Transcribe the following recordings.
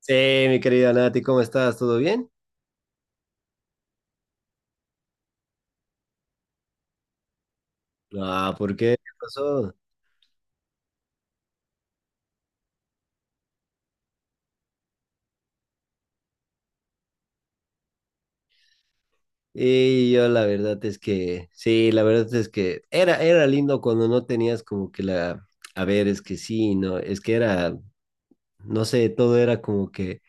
Sí, mi querida Nati, ¿cómo estás? ¿Todo bien? Ah, ¿por qué? ¿Qué pasó? Y yo la verdad es que, sí, la verdad es que era lindo cuando no tenías como que la, a ver, es que sí, no, es que era, no sé, todo era como que,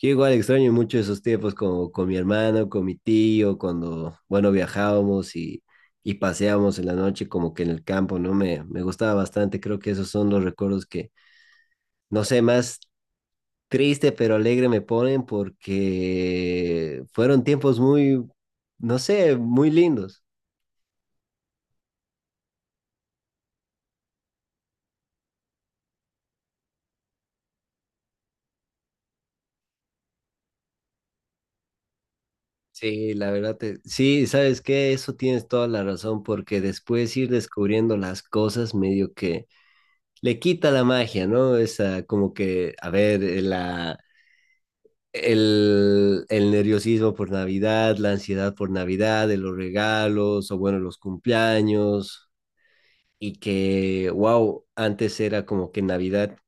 yo igual extraño mucho esos tiempos como con mi hermano, con mi tío, cuando, bueno, viajábamos y paseábamos en la noche como que en el campo, ¿no? Me gustaba bastante, creo que esos son los recuerdos que, no sé, más triste pero alegre me ponen porque fueron tiempos muy, no sé, muy lindos. Sí, la verdad, sí, ¿sabes qué? Eso tienes toda la razón porque después ir descubriendo las cosas medio que le quita la magia, ¿no? Esa como que, a ver, la... El nerviosismo por Navidad, la ansiedad por Navidad, de los regalos o bueno, los cumpleaños y que, wow, antes era como que Navidad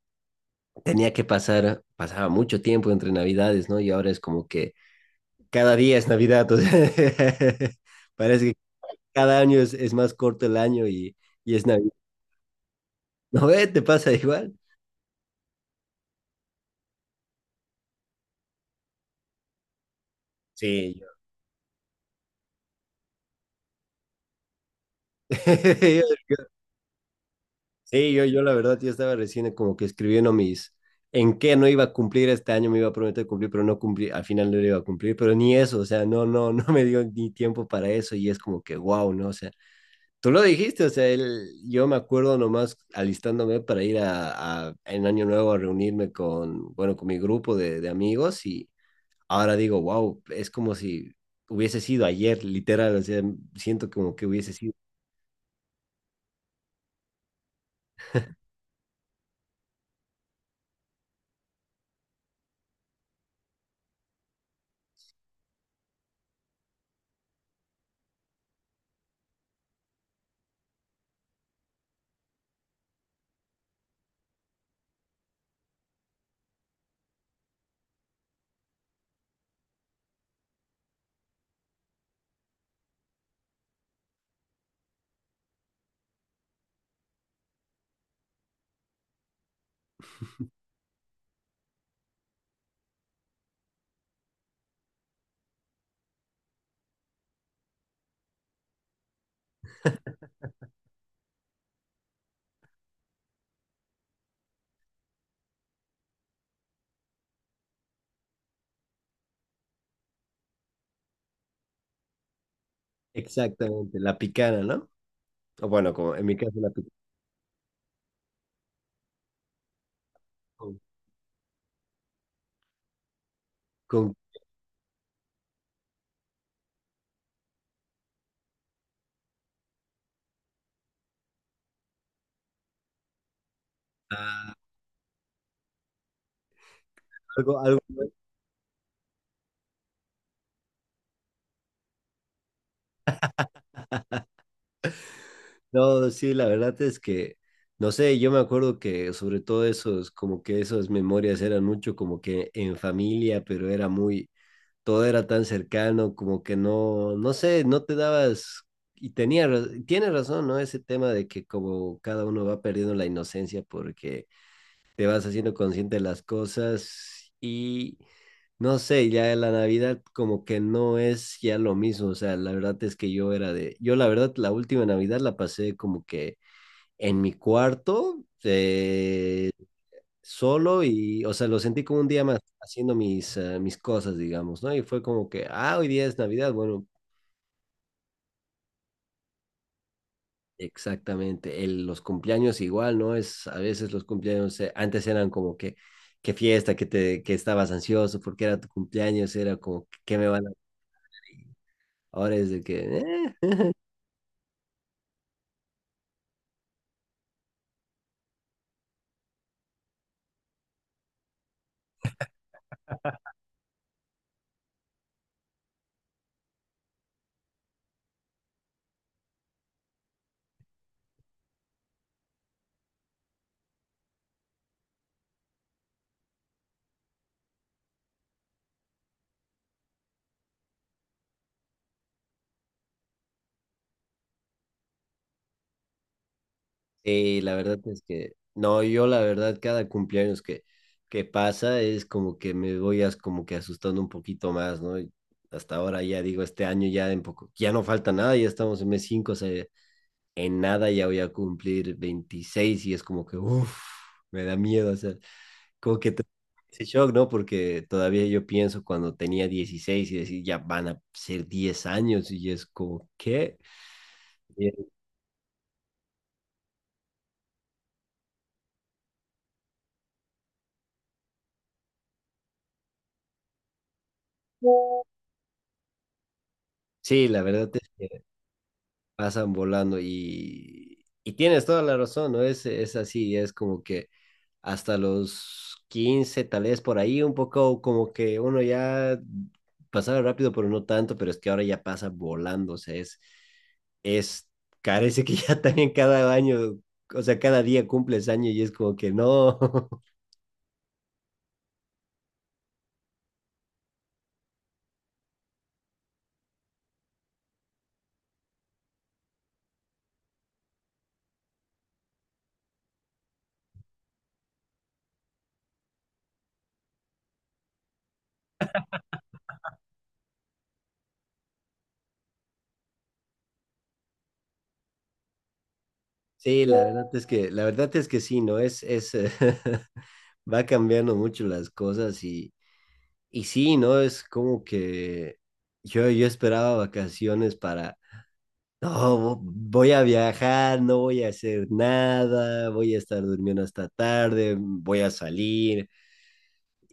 tenía que pasar, pasaba mucho tiempo entre Navidades, ¿no? Y ahora es como que cada día es Navidad, o sea, parece que cada año es más corto el año y es Navidad. ¿No ve? ¿Te pasa igual? Sí, yo, sí, yo la verdad, yo estaba recién como que escribiendo mis, en qué no iba a cumplir este año, me iba a prometer cumplir, pero no cumplí, al final no lo iba a cumplir, pero ni eso, o sea, no, no, no me dio ni tiempo para eso y es como que, wow, ¿no? O sea, tú lo dijiste, o sea, yo me acuerdo nomás alistándome para ir en Año Nuevo a reunirme con, bueno, con mi grupo de amigos y ahora digo, wow, es como si hubiese sido ayer, literal, o sea, siento como que hubiese sido exactamente la picana, ¿no? O bueno, como en mi caso la picana con, con, ah, algo, algo, no, sí, la verdad es que, no sé, yo me acuerdo que sobre todo esos, como que esas memorias eran mucho como que en familia, pero era muy todo era tan cercano, como que no, no sé, no te dabas, y tenía, tiene razón, ¿no? Ese tema de que como cada uno va perdiendo la inocencia porque te vas haciendo consciente de las cosas y no sé, ya la Navidad como que no es ya lo mismo, o sea, la verdad es que yo era de, yo la verdad la última Navidad la pasé como que en mi cuarto, solo y, o sea, lo sentí como un día más haciendo mis, mis cosas, digamos, ¿no? Y fue como que, ah, hoy día es Navidad, bueno, exactamente, los cumpleaños igual, ¿no? Es, a veces los cumpleaños antes eran como que, qué fiesta, que te, que estabas ansioso porque era tu cumpleaños, era como, ¿qué me van a...? Ahora es de que, sí, la verdad es que no, yo la verdad cada cumpleaños que pasa es como que me voy como que asustando un poquito más, ¿no? Y hasta ahora ya digo, este año ya en poco, ya no falta nada, ya estamos en mes 5 o sea, en nada ya voy a cumplir 26 y es como que, uff, me da miedo, o sea, como que te- ese shock, ¿no? Porque todavía yo pienso cuando tenía 16 y decir, ya van a ser 10 años y es como, ¿qué? Eh, Sí, la verdad pasan volando y tienes toda la razón, ¿no? Es así, es como que hasta los 15 tal vez por ahí, un poco como que uno ya pasaba rápido, pero no tanto, pero es que ahora ya pasa volando, o sea, es, parece que ya también cada año, o sea, cada día cumples año y es como que no. Sí, la verdad es que, la verdad es que sí, ¿no? Es, va cambiando mucho las cosas y sí, ¿no? Es como que yo esperaba vacaciones para, no, voy a viajar, no voy a hacer nada, voy a estar durmiendo hasta tarde, mm, voy a salir.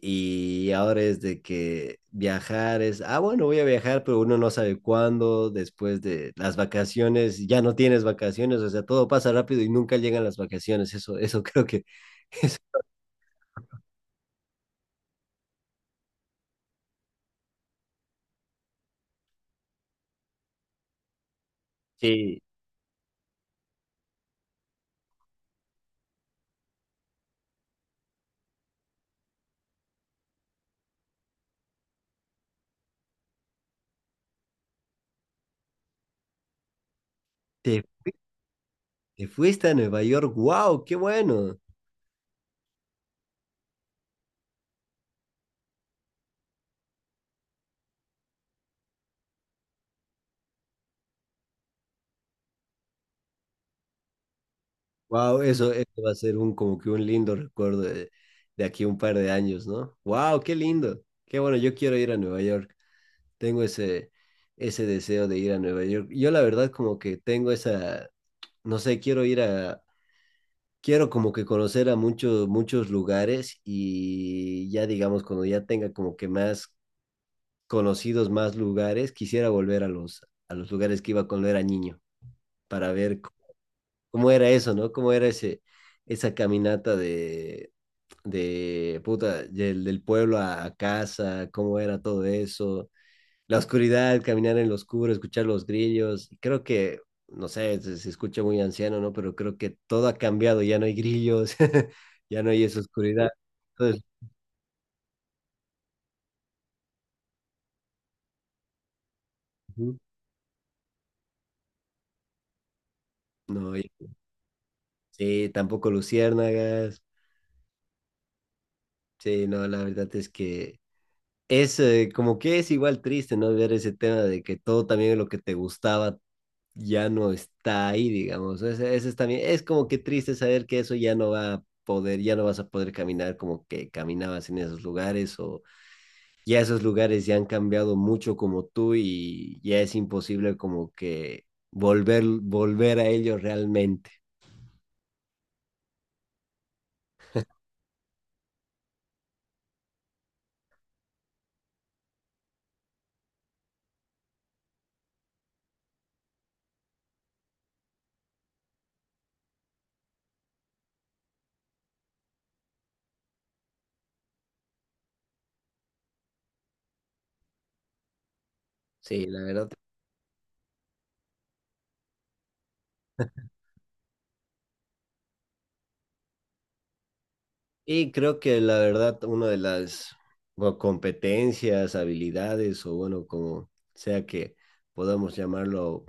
Y ahora es de que viajar es, ah, bueno, voy a viajar, pero uno no sabe cuándo, después de las vacaciones, ya no tienes vacaciones, o sea, todo pasa rápido y nunca llegan las vacaciones. Eso creo que... Sí. Te, te fuiste a Nueva York, wow, qué bueno. Wow, eso va a ser un como que un lindo recuerdo de aquí un par de años, ¿no? Wow, qué lindo. Qué bueno, yo quiero ir a Nueva York. Tengo ese, ese deseo de ir a Nueva York. Yo la verdad como que tengo esa, no sé, quiero ir a, quiero como que conocer a muchos, muchos lugares y ya digamos, cuando ya tenga como que más conocidos, más lugares, quisiera volver a los lugares que iba cuando era niño para ver ¿cómo era eso, no? ¿Cómo era ese, esa caminata de puta, del pueblo a casa? ¿Cómo era todo eso? La oscuridad, caminar en lo oscuro, escuchar los grillos. Creo que, no sé, se escucha muy anciano, ¿no? Pero creo que todo ha cambiado, ya no hay grillos, ya no hay esa oscuridad. Entonces, ujú, no, y- sí, tampoco luciérnagas. Sí, no, la verdad es que... Es como que es igual triste, ¿no? Ver ese tema de que todo también lo que te gustaba ya no está ahí, digamos. Ese es también, es como que triste saber que eso ya no va a poder, ya no vas a poder caminar como que caminabas en esos lugares o ya esos lugares ya han cambiado mucho como tú y ya es imposible como que volver, volver a ellos realmente. Sí, la verdad. Y creo que la verdad, una de las bueno, competencias, habilidades o bueno, como sea que podamos llamarlo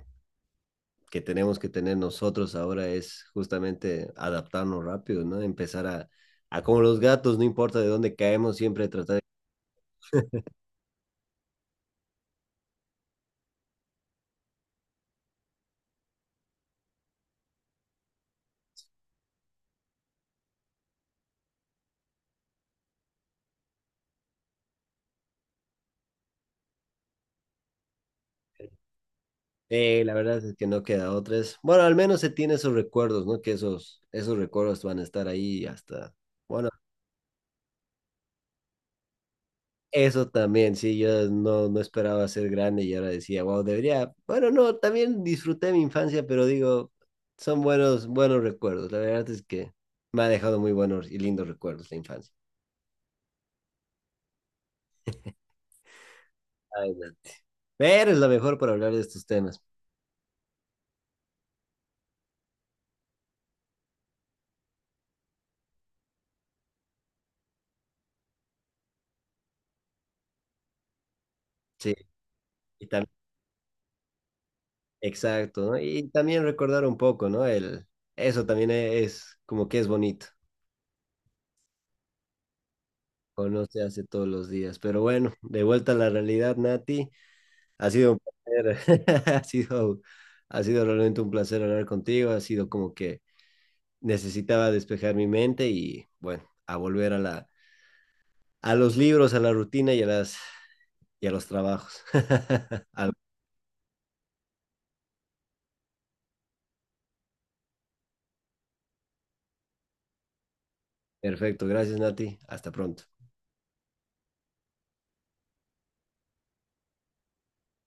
que tenemos que tener nosotros ahora es justamente adaptarnos rápido, ¿no? Empezar a, como los gatos, no importa de dónde caemos, siempre tratar de... la verdad es que no queda otra. Es, bueno, al menos se tiene esos recuerdos, ¿no? Que esos, esos recuerdos van a estar ahí hasta... Bueno, eso también, sí, yo no, no esperaba ser grande y ahora decía, wow, debería... Bueno, no, también disfruté mi infancia, pero digo, son buenos, buenos recuerdos. La verdad es que me ha dejado muy buenos y lindos recuerdos la infancia. Ay, no. Pero es lo mejor para hablar de estos temas. Sí, y tam- exacto, ¿no? Y también recordar un poco, ¿no? El, eso también es como que es bonito, o no se hace todos los días. Pero bueno, de vuelta a la realidad, Nati, ha sido un placer, ha sido, ha sido realmente un placer hablar contigo, ha sido como que necesitaba despejar mi mente y bueno, a volver a la, a los libros, a la rutina y a las, y a los trabajos. Al- perfecto, gracias, Nati, hasta pronto.